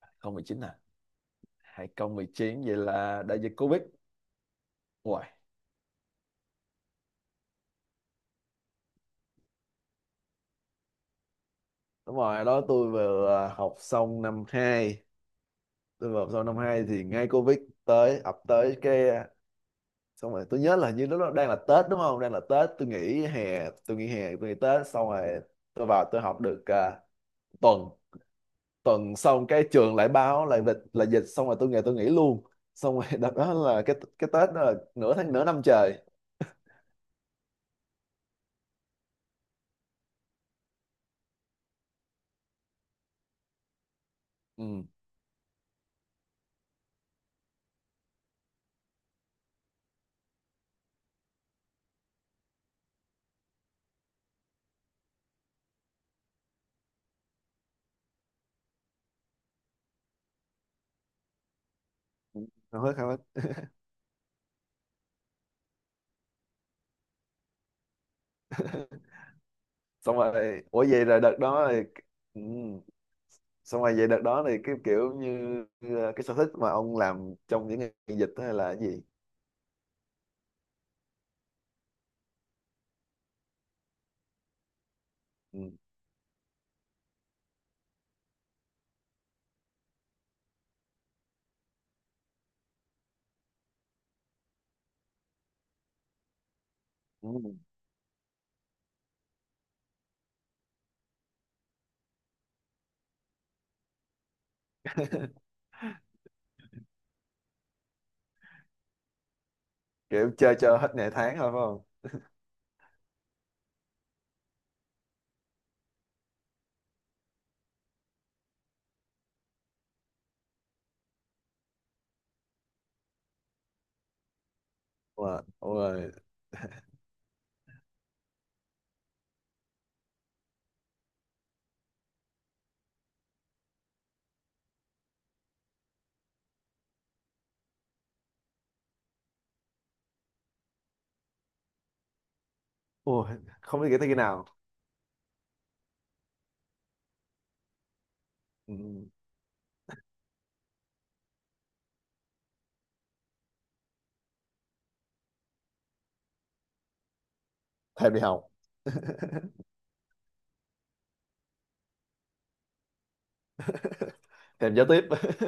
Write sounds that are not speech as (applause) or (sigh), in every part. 2019 à? 2019 vậy là đại dịch Covid. Uầy, đúng rồi, đó tôi vừa học xong năm hai. Tôi vừa học xong năm 2 thì ngay Covid tới, ập tới cái xong rồi tôi nhớ là như lúc đó đang là Tết đúng không? Đang là Tết, tôi nghỉ hè, tôi nghỉ hè, tôi nghỉ Tết. Xong rồi tôi vào tôi học được tuần. Tuần xong cái trường lại báo là dịch, là dịch. Xong rồi tôi nghỉ luôn. Xong rồi (laughs) đợt đó là cái Tết đó là nửa tháng, nửa năm trời. Ừ, hơi khăn lắm, xong rồi ủa vậy là đợt đó thì ừ. Xong rồi vậy đợt đó thì cái kiểu như cái sở thích mà ông làm trong những ngày dịch đó là cái gì? Ừ. Ừ. (laughs) Kiểu chơi cho hết ngày tháng thôi phải không? Wow. Ôi, ôi, không biết nghĩ tới khi nào. Ừ. Thèm đi học, thèm giao tiếp. (laughs)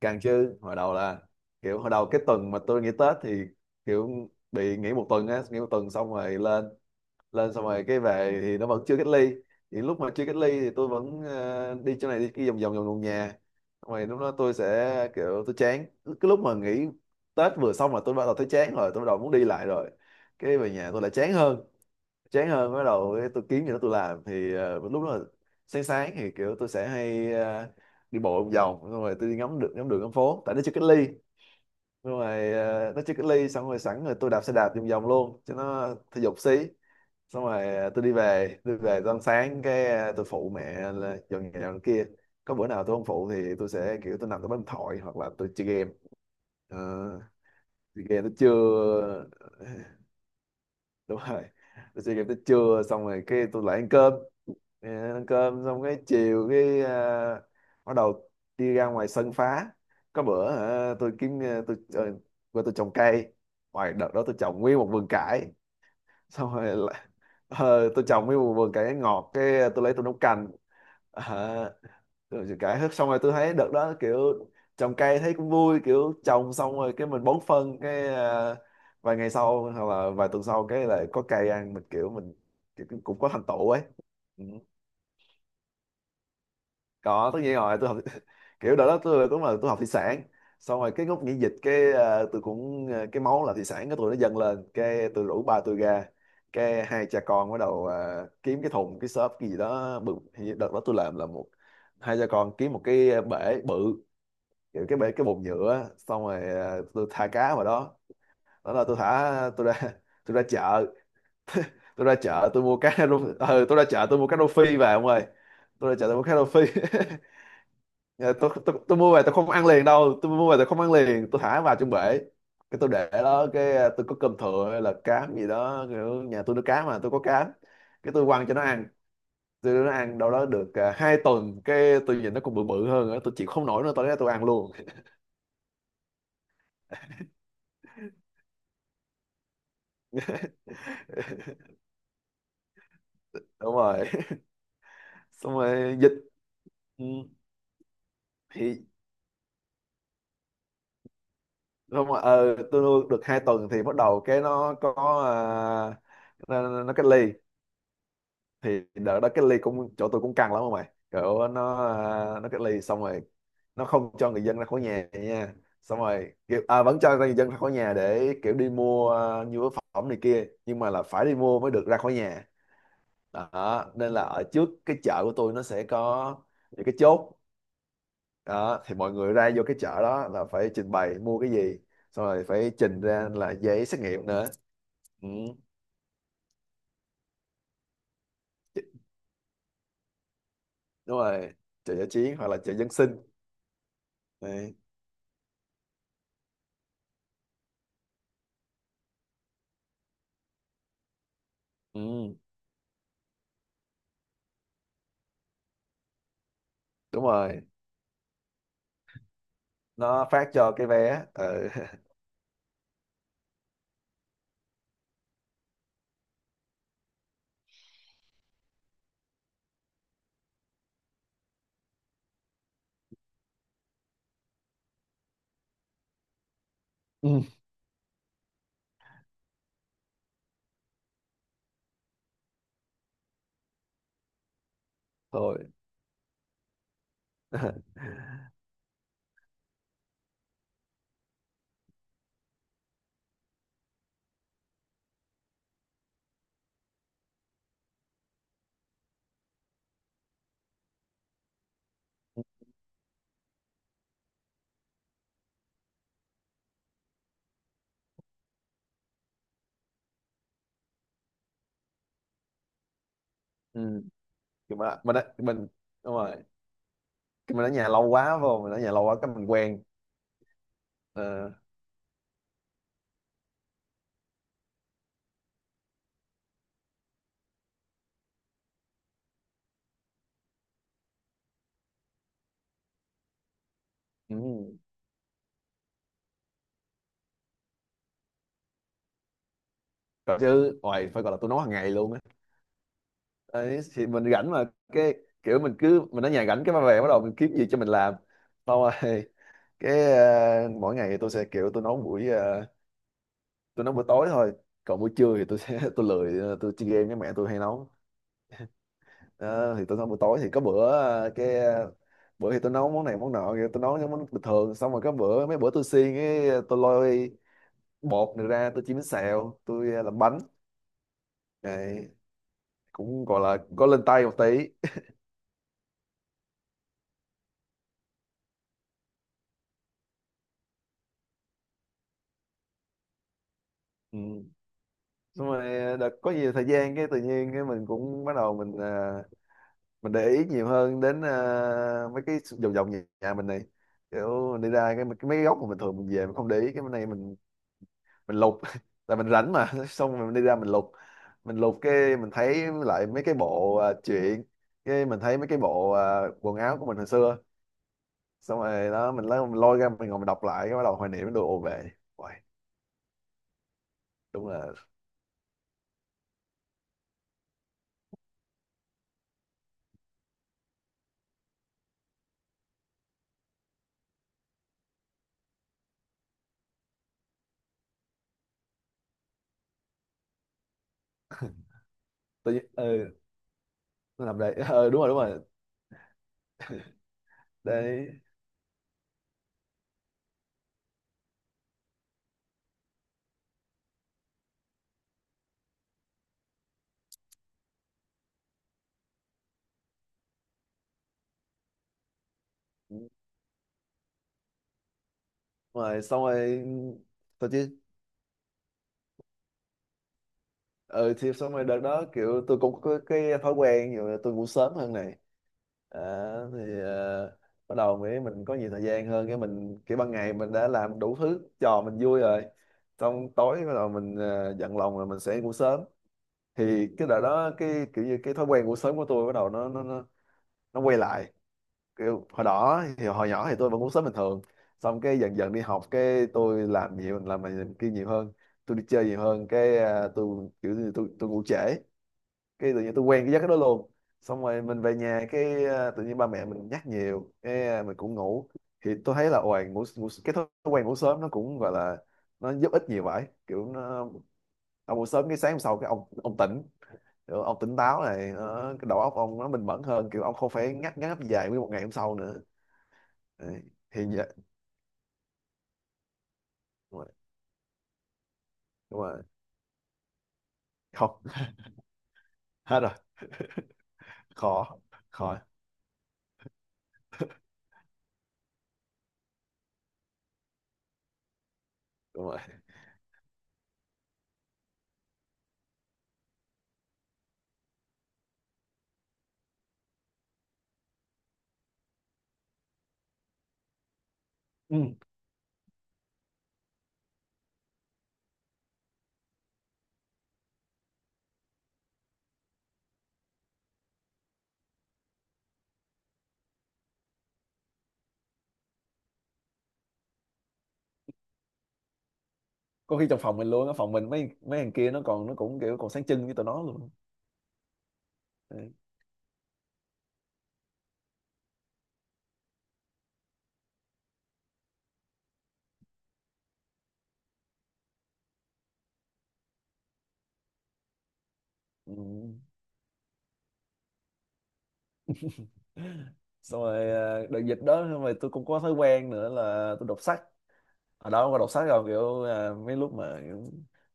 Càng chứ, hồi đầu là kiểu hồi đầu cái tuần mà tôi nghỉ Tết thì kiểu bị nghỉ một tuần á, nghỉ một tuần xong rồi lên lên xong rồi cái về thì nó vẫn chưa cách ly. Thì lúc mà chưa cách ly thì tôi vẫn đi chỗ này đi kia vòng vòng vòng vòng nhà. Xong rồi lúc đó tôi sẽ kiểu tôi chán, cái lúc mà nghỉ Tết vừa xong là tôi bắt đầu thấy chán rồi, tôi bắt đầu muốn đi lại rồi, cái về nhà tôi lại chán hơn, chán hơn, bắt đầu cái tôi kiếm gì đó tôi làm thì lúc đó là sáng sáng thì kiểu tôi sẽ hay đi bộ vòng vòng, xong rồi tôi đi ngắm được ngắm đường ngắm phố tại nó chưa cách ly. Xong rồi nó chưa cách ly, xong rồi sẵn rồi tôi đạp xe đạp vòng vòng luôn cho nó thể dục xí. Xong rồi tôi đi về tôi về tới ăn sáng cái tôi phụ mẹ là dọn nhà dọn kia. Có bữa nào tôi không phụ thì tôi sẽ kiểu tôi nằm tôi bấm điện thoại hoặc là tôi chơi game. Ờ, chơi game tới trưa. (laughs) Đúng rồi, tôi chơi game tới trưa, xong rồi cái tôi lại ăn cơm. Ờ, ăn cơm xong cái chiều cái bắt đầu đi ra ngoài sân phá, có bữa hả, tôi kiếm tôi qua tôi trồng cây, ngoài đợt đó tôi trồng nguyên một vườn cải. Xong rồi lại tôi trồng mấy vườn cải ngọt, cái tôi lấy tôi nấu canh. Ờ, rồi cải hết xong rồi tôi thấy đợt đó kiểu trồng cây thấy cũng vui, kiểu trồng xong rồi cái mình bón phân cái vài ngày sau hoặc là vài tuần sau cái lại có cây ăn, mình kiểu cũng có thành tựu ấy. Ừ. Có, tất nhiên rồi, tôi học. (laughs) Kiểu đó đó tôi cũng là tôi học thủy sản, xong rồi cái lúc nghỉ dịch cái tôi cũng cái máu là thủy sản cái tôi nó dâng lên, cái tôi rủ ba tôi ra, cái hai cha con bắt đầu kiếm cái thùng cái xốp cái gì đó bự. Hình như đợt đó tôi làm là một, hai cha con kiếm một cái bể bự, kiểu cái bể cái bồn nhựa á. Xong rồi tôi thả cá vào đó. Đó là tôi thả tôi ra. (laughs) Tôi ra chợ, tôi ra chợ tôi mua tôi ra chợ tôi mua cá rô phi về ông ơi, tôi ra chợ tôi mua cá rô phi. (laughs) Dạ, tôi mua về tôi không ăn liền đâu, tôi mua về tôi không ăn liền, tôi thả vào trong bể, cái tôi để đó cái tôi có cơm thừa hay là cám gì đó kiểu nhà tôi nuôi cá mà tôi có cám, cái tôi quăng cho nó ăn. Tôi để nó ăn đâu đó được 2 tuần cái tôi nhìn nó còn bự bự hơn nữa, tôi chịu không nổi nữa tôi lấy tôi ăn luôn. (laughs) Đúng rồi. (laughs) Xong rồi dịch. Ừ, thì không, mà ờ tôi nuôi được 2 tuần thì bắt đầu cái nó có nó cách ly. Thì đợt đó cái ly cũng chỗ tôi cũng căng lắm, không mày kiểu nó nó cái ly xong rồi nó không cho người dân ra khỏi nhà nha. Xong rồi kiểu, vẫn cho người dân ra khỏi nhà để kiểu đi mua nhu yếu phẩm này kia nhưng mà là phải đi mua mới được ra khỏi nhà. Đó nên là ở trước cái chợ của tôi nó sẽ có những cái chốt, đó thì mọi người ra vô cái chợ đó là phải trình bày mua cái gì, xong rồi phải trình ra là giấy xét nghiệm nữa. Ừ. Đúng rồi, chợ giải chiến hoặc là chợ dân sinh. Đấy. Ừ. Đúng rồi, nó phát cho cái vé. Ừ. Ừ. Thôi. (laughs) Ừ. Nhưng mà mình đúng rồi, cái mình ở nhà lâu quá vô, mình ở nhà lâu quá cái mình quen. Ờ, ừ. Còn chứ ngoài, phải gọi là tôi nấu hàng ngày luôn á. Đấy, thì mình rảnh mà cái kiểu mình cứ mình ở nhà rảnh cái mà về bắt đầu mình kiếm gì cho mình làm. Xong rồi (laughs) cái mỗi ngày thì tôi sẽ kiểu tôi nấu buổi tôi nấu buổi tối thôi, còn buổi trưa thì tôi sẽ (laughs) tôi lười tôi chơi game với mẹ tôi hay nấu. Ờ, thì tôi nấu buổi tối thì có bữa cái bữa thì tôi nấu món này món nọ kìa, tôi nấu những món bình thường, xong rồi có bữa mấy bữa tôi xiên cái tôi lôi bột này ra tôi chiên bánh xèo tôi làm bánh. Đấy, cũng gọi là có lên tay một tí. Ừ. Xong rồi đợt có nhiều thời gian cái tự nhiên cái mình cũng bắt đầu mình mình để ý nhiều hơn đến mấy cái vòng vòng nhà, mình này, kiểu mình đi ra cái mấy cái góc mà mình thường mình về mình không để ý cái bên này mình lục. (laughs) Là mình rảnh mà. (laughs) Xong rồi mình đi ra mình lục, mình lục cái mình thấy lại mấy cái bộ truyện, cái mình thấy mấy cái bộ quần áo của mình hồi xưa, xong rồi đó mình lấy mình lôi ra mình ngồi mình đọc lại cái bắt đầu hoài niệm đồ về. Uầy, đúng là tự nhiên ừ nó làm đấy. (laughs) Ừ, đúng rồi đấy. Đúng rồi, xong rồi tôi chứ. Ừ thì xong rồi đợt đó kiểu tôi cũng có cái thói quen ví dụ là tôi ngủ sớm hơn này, à, thì bắt đầu mới mình có nhiều thời gian hơn cái mình cái ban ngày mình đã làm đủ thứ trò mình vui rồi, xong tối bắt đầu mình giận lòng rồi mình sẽ ngủ sớm. Thì cái đợt đó cái kiểu như cái thói quen ngủ sớm của tôi bắt đầu nó quay lại. Kiểu hồi đó thì hồi nhỏ thì tôi vẫn ngủ sớm bình thường, xong cái dần dần đi học cái tôi làm nhiều làm này làm kia nhiều hơn, tôi đi chơi nhiều hơn cái tôi kiểu như tôi ngủ trễ, cái tự nhiên tôi quen cái giấc đó luôn. Xong rồi mình về nhà cái tự nhiên ba mẹ mình nhắc nhiều cái mình cũng ngủ, thì tôi thấy là ôi ngủ cái thói quen ngủ sớm nó cũng gọi là nó giúp ích nhiều vậy kiểu nó, ông ngủ sớm cái sáng hôm sau cái ông tỉnh. Kiểu ông tỉnh táo này nó, cái đầu óc ông nó bình mẫn hơn, kiểu ông không phải ngáp ngáp dài nguyên một ngày hôm sau nữa. Đấy, thì vậy. Đúng rồi, đúng rồi. Không. (laughs) Hết rồi. Khó, khó, đúng rồi. Ừ. Có khi trong phòng mình luôn á, phòng mình mấy mấy thằng kia nó còn nó cũng kiểu còn sáng trưng với tụi nó luôn. Ừ. Xong rồi đợt dịch đó xong rồi tôi cũng có thói quen nữa là tôi đọc sách, ở đó có đọc sách rồi kiểu mấy lúc mà kiểu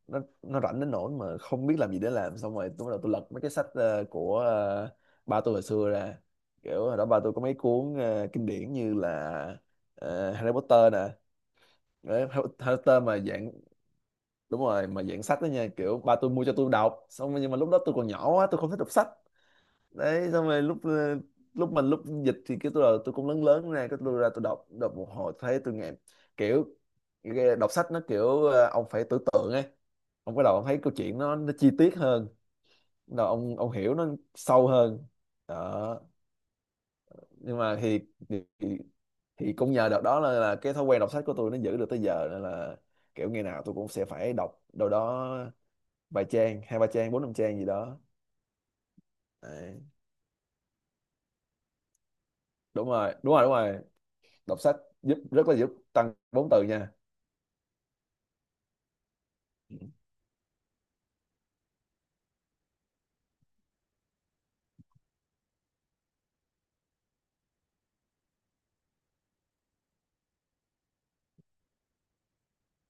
nó rảnh đến nỗi mà không biết làm gì để làm, xong rồi tôi bắt đầu tôi lật mấy cái sách của à, ba tôi hồi xưa ra. Kiểu hồi đó ba tôi có mấy cuốn kinh điển như là Harry Potter nè. Đấy, Harry Potter mà dạng đúng rồi mà dạng sách đó nha kiểu ba tôi mua cho tôi đọc xong rồi nhưng mà lúc đó tôi còn nhỏ quá tôi không thích đọc sách. Đấy xong rồi lúc ờ, lúc mình lúc dịch thì cái tôi là tôi cũng lớn lớn ra cái tôi ra tôi đọc đọc một hồi thấy tôi nghe, kiểu cái đọc sách nó kiểu ông phải tưởng tượng ấy, ông bắt đầu ông thấy câu chuyện nó chi tiết hơn, bắt đầu ông hiểu nó sâu hơn đó. Nhưng mà thì thì, thì cũng nhờ đợt đó là cái thói quen đọc sách của tôi nó giữ được tới giờ nên là kiểu ngày nào tôi cũng sẽ phải đọc đâu đó vài trang hai ba trang bốn năm trang gì đó. Đấy. Đúng rồi đúng rồi đúng rồi, đọc sách giúp, rất là giúp tăng vốn từ nha.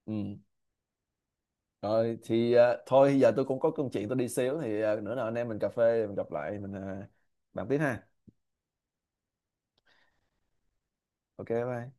Ừ. Rồi thì thôi giờ tôi cũng có công chuyện tôi đi xíu, thì nữa nào anh em mình cà phê mình gặp lại mình bàn tiếp ha. Ok bye.